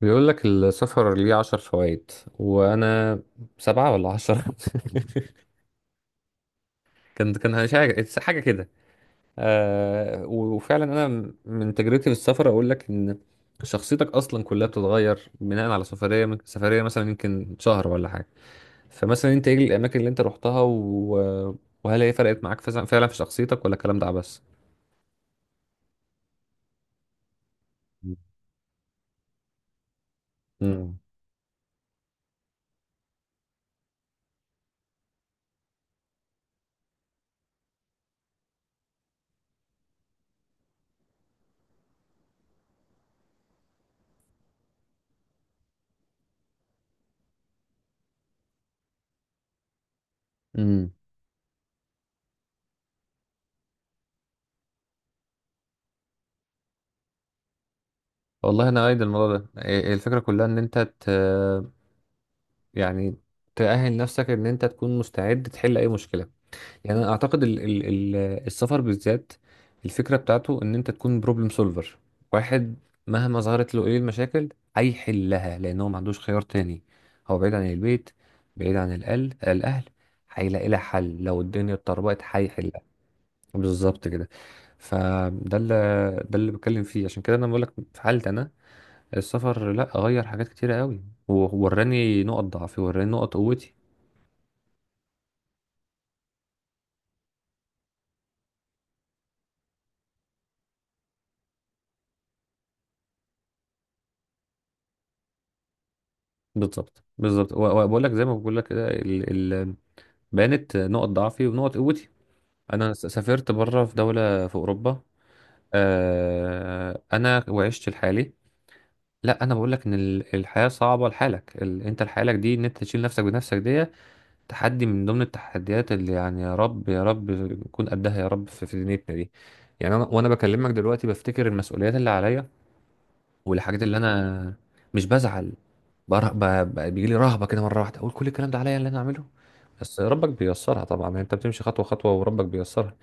بيقول لك السفر ليه 10 فوائد، وانا سبعة ولا 10؟ كان مش حاجة حاجة كده. آه، وفعلا انا من تجربتي في السفر اقول لك ان شخصيتك اصلا كلها بتتغير بناء على سفرية من سفرية، مثلا يمكن شهر ولا حاجة. فمثلا انت ايه الاماكن اللي انت رحتها وهل هي فرقت معاك فعلا في شخصيتك، ولا الكلام ده عبس؟ امم. والله انا ايد الموضوع ده، إيه الفكرة كلها ان انت يعني تأهل نفسك ان انت تكون مستعد تحل اي مشكلة. يعني انا اعتقد ال السفر بالذات، الفكرة بتاعته ان انت تكون بروبلم سولفر واحد، مهما ظهرت له ايه المشاكل هيحلها، لان هو ما عندوش خيار تاني. هو بعيد عن البيت، بعيد عن الأهل، هيلاقي لها حل. لو الدنيا اتطربقت هيحلها. بالظبط كده. فده اللي ده اللي بتكلم فيه، عشان كده انا بقول لك في حالتي انا، السفر لا غير حاجات كتيرة قوي، ووراني نقط ضعفي، وراني نقط قوتي. بالظبط بالظبط. وبقول لك زي ما بقول لك كده، بانت نقط ضعفي ونقط قوتي. انا سافرت بره في دوله في اوروبا، انا وعشت لحالي. لا، انا بقول لك ان الحياه صعبه لحالك. انت لحالك دي، ان انت تشيل نفسك بنفسك، دي تحدي من ضمن التحديات، اللي يعني يا رب يا رب نكون قدها يا رب في دنيتنا دي. يعني انا، وانا بكلمك دلوقتي، بفتكر المسؤوليات اللي عليا، والحاجات اللي انا، مش بزعل بره... ب... بيجي لي رهبه كده مره واحده، اقول كل الكلام ده عليا اللي انا اعمله. بس ربك بيسرها طبعا، يعني انت بتمشي خطوه خطوه وربك بيسرها.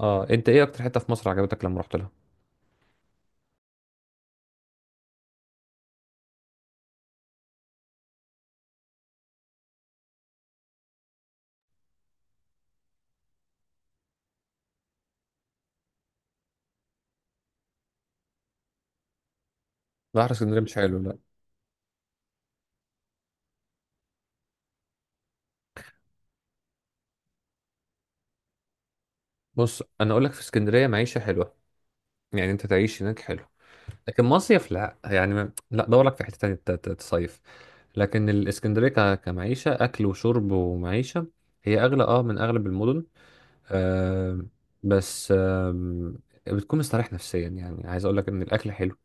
اه، انت ايه اكتر حته في مصر عجبتك لما رحت لها؟ بحر اسكندريه مش حلو، لا. بص، انا اقول لك في اسكندريه معيشه حلوه، يعني انت تعيش هناك حلو. لكن مصيف لا، يعني ما... لا، دور لك في حته تانية تصيف. لكن الاسكندريه كمعيشه، اكل وشرب ومعيشه، هي اغلى اه من اغلب المدن. آه. بس آه، بتكون مستريح نفسيا، يعني عايز اقول لك ان الاكل حلو،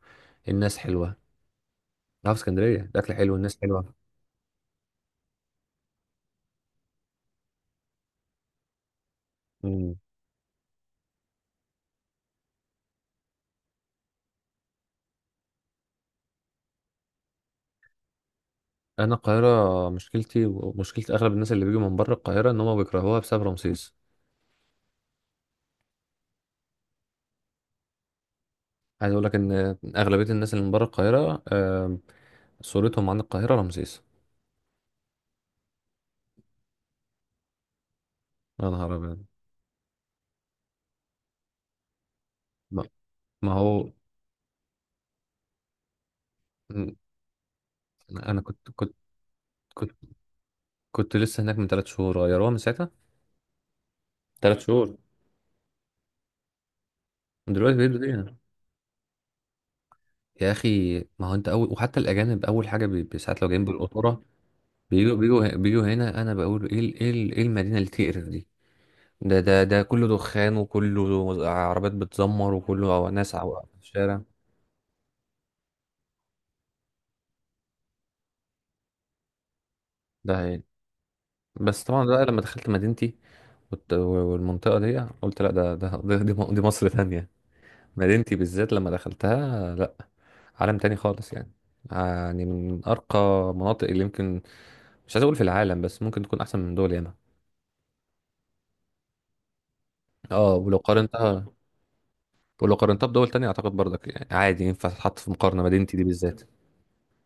الناس حلوه. لا، في اسكندريه الاكل حلو، الناس حلوه. انا القاهره مشكلتي ومشكله اغلب الناس اللي بيجوا من بره القاهره، ان هم بيكرهوها بسبب رمسيس. عايز اقول لك ان اغلبيه الناس اللي من بره القاهره، صورتهم عن القاهره رمسيس. يا نهار ابيض! ما ما هو، م- انا كنت كنت لسه هناك من 3 شهور، غيروها من ساعتها. 3 شهور. دلوقتي بيبدوا بيها. يا اخي، ما هو انت اول، وحتى الاجانب اول حاجه ساعات لو جايين بالقطوره بيجوا بيجوا بيجوا هنا، انا بقول ايه المدينه اللي تقرف دي! ده كله دخان، وكله عربيات بتزمر، وكله ناس على الشارع. ده هي. بس طبعا بقى لما دخلت مدينتي والمنطقة دي، قلت لا، دي مصر تانية. مدينتي بالذات لما دخلتها، لا، عالم تاني خالص يعني. يعني من أرقى مناطق اللي يمكن، مش عايز أقول في العالم، بس ممكن تكون أحسن من دول ياما. اه، ولو قارنتها، ولو قارنتها بدول تانية، أعتقد برضك يعني عادي ينفع تتحط في مقارنة. مدينتي دي بالذات.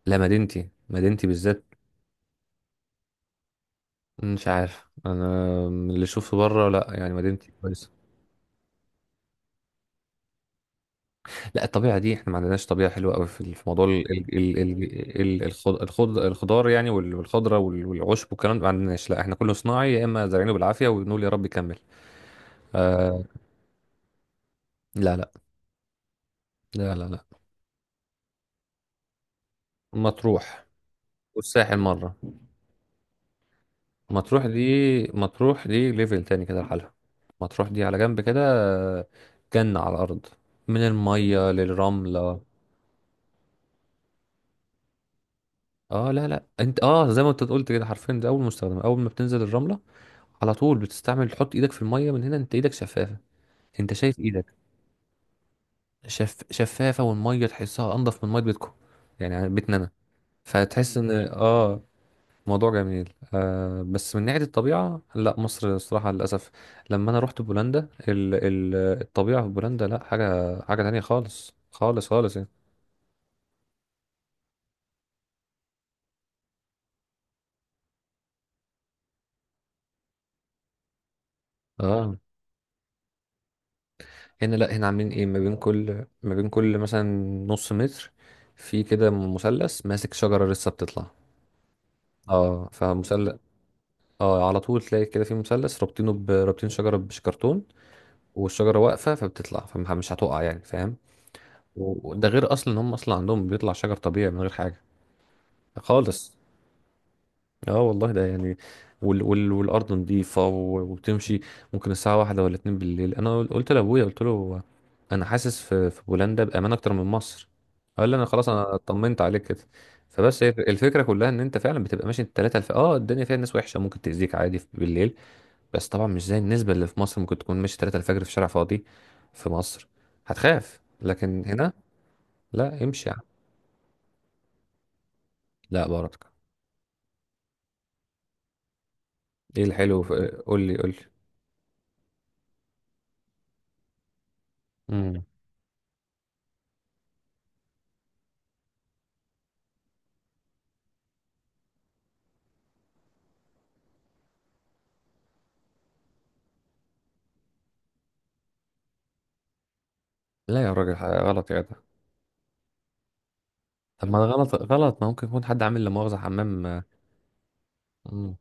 لا، مدينتي مدينتي بالذات. مش عارف انا، من اللي اشوفه بره، لا يعني مدينتي كويسه. لا الطبيعه دي احنا ما عندناش طبيعه حلوه قوي في موضوع الخضار، يعني والخضره والعشب والكلام ده، ما عندناش. لا، احنا كله صناعي، يا اما زارعينه بالعافيه ونقول يا رب يكمل. آه. لا لا لا لا لا. مطروح والساحل مره. مطروح دي، مطروح دي ليفل تاني كده لحالها. مطروح دي على جنب كده، آه، جنه على الارض، من الميه للرمله. اه لا لا، انت اه، زي ما انت قلت كده حرفيا، ده اول مستخدم. اول ما بتنزل الرمله على طول بتستعمل تحط ايدك في الميه، من هنا انت ايدك شفافه، انت شايف ايدك. شفافه، والميه تحسها انضف من ميه بيتكم، يعني بيتنا انا، فتحس ان اه، موضوع جميل آه. بس من ناحيه الطبيعه، لا، مصر الصراحه للاسف. لما انا رحت بولندا، الطبيعه في بولندا لا، حاجه حاجه تانية، خالص خالص خالص يعني. اه، هنا، لا هنا عاملين ايه، ما بين كل مثلا نص متر، في كده مثلث ماسك شجرة لسه بتطلع. اه، فمثلث. اه، على طول تلاقي كده في مثلث رابطينه، رابطين شجرة بشكرتون، والشجرة واقفة فبتطلع، فمش هتقع يعني، فاهم. وده غير اصلا ان هم اصلا عندهم بيطلع شجر طبيعي من غير حاجة خالص. اه والله ده يعني، والارض نظيفه، وتمشي ممكن الساعه واحدة ولا اتنين بالليل. انا قلت لابويا، قلت له، انا حاسس في بولندا بامان اكتر من مصر. قال لي انا خلاص، انا طمنت عليك كده. فبس هي الفكره كلها، ان انت فعلا بتبقى ماشي اه، الدنيا فيها ناس وحشه ممكن تاذيك عادي بالليل. بس طبعا مش زي النسبه اللي في مصر، ممكن تكون ماشي 3 الفجر في شارع فاضي في مصر، هتخاف. لكن هنا لا، امشي يا عم. لا بركه. ايه الحلو قول لي قول لي. مم. لا يا راجل، غلط يا جدع. طب ما ده غلط غلط، ما ممكن يكون حد عامل لا مؤاخذة حمام. آه. مم.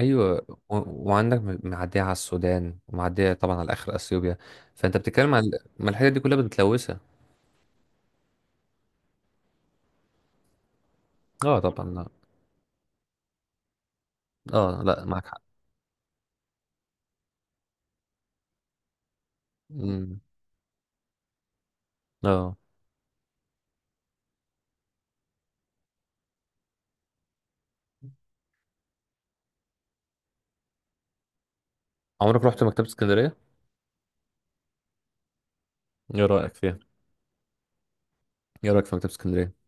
ايوه، وعندك معدية على السودان، ومعدية طبعا على اخر اثيوبيا. فانت بتتكلم عن، ما الحتت دي كلها متلوثة. اه طبعا لا. اه لا، معاك حق. امم. اه، عمرك رحت مكتبة اسكندرية؟ ايه رأيك فيها؟ ايه رأيك في مكتبة اسكندرية؟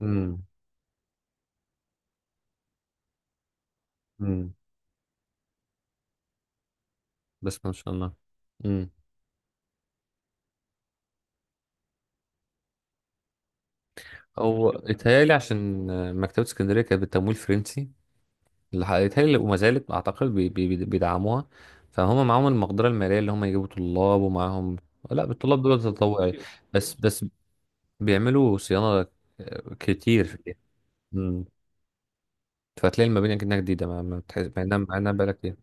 امم. امم، بس ما شاء الله. امم. هو اتهيألي، عشان مكتبة اسكندرية كانت بالتمويل فرنسي، اللي هيتهيألي وما زالت اعتقد بيدعموها. فهم معاهم المقدره الماليه اللي هم يجيبوا طلاب ومعاهم. لا الطلاب دول تطوعي بس بيعملوا صيانه. آه، كتير فيها. مم. فتلاقي المباني كأنها جديده، ما بتحس مع انها بقالها كتير.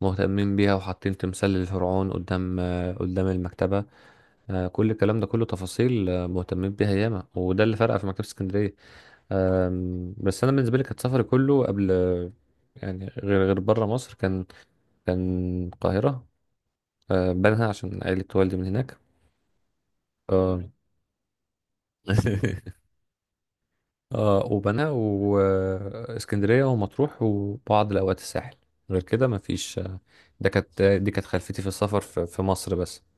مهتمين بيها، وحاطين تمثال للفرعون قدام، قدام المكتبه. كل الكلام ده كله تفاصيل. مهتمين بيها ياما، وده اللي فرق في مكتبه اسكندريه. بس انا بالنسبه لي كانت سفري كله قبل، يعني، غير بره مصر، كان القاهرة. آه، بنها عشان عيلة والدي من هناك. آه. وبنها واسكندرية ومطروح وبعض الأوقات الساحل. غير كده مفيش. آه، ده كانت دي كانت خلفيتي في السفر في مصر بس.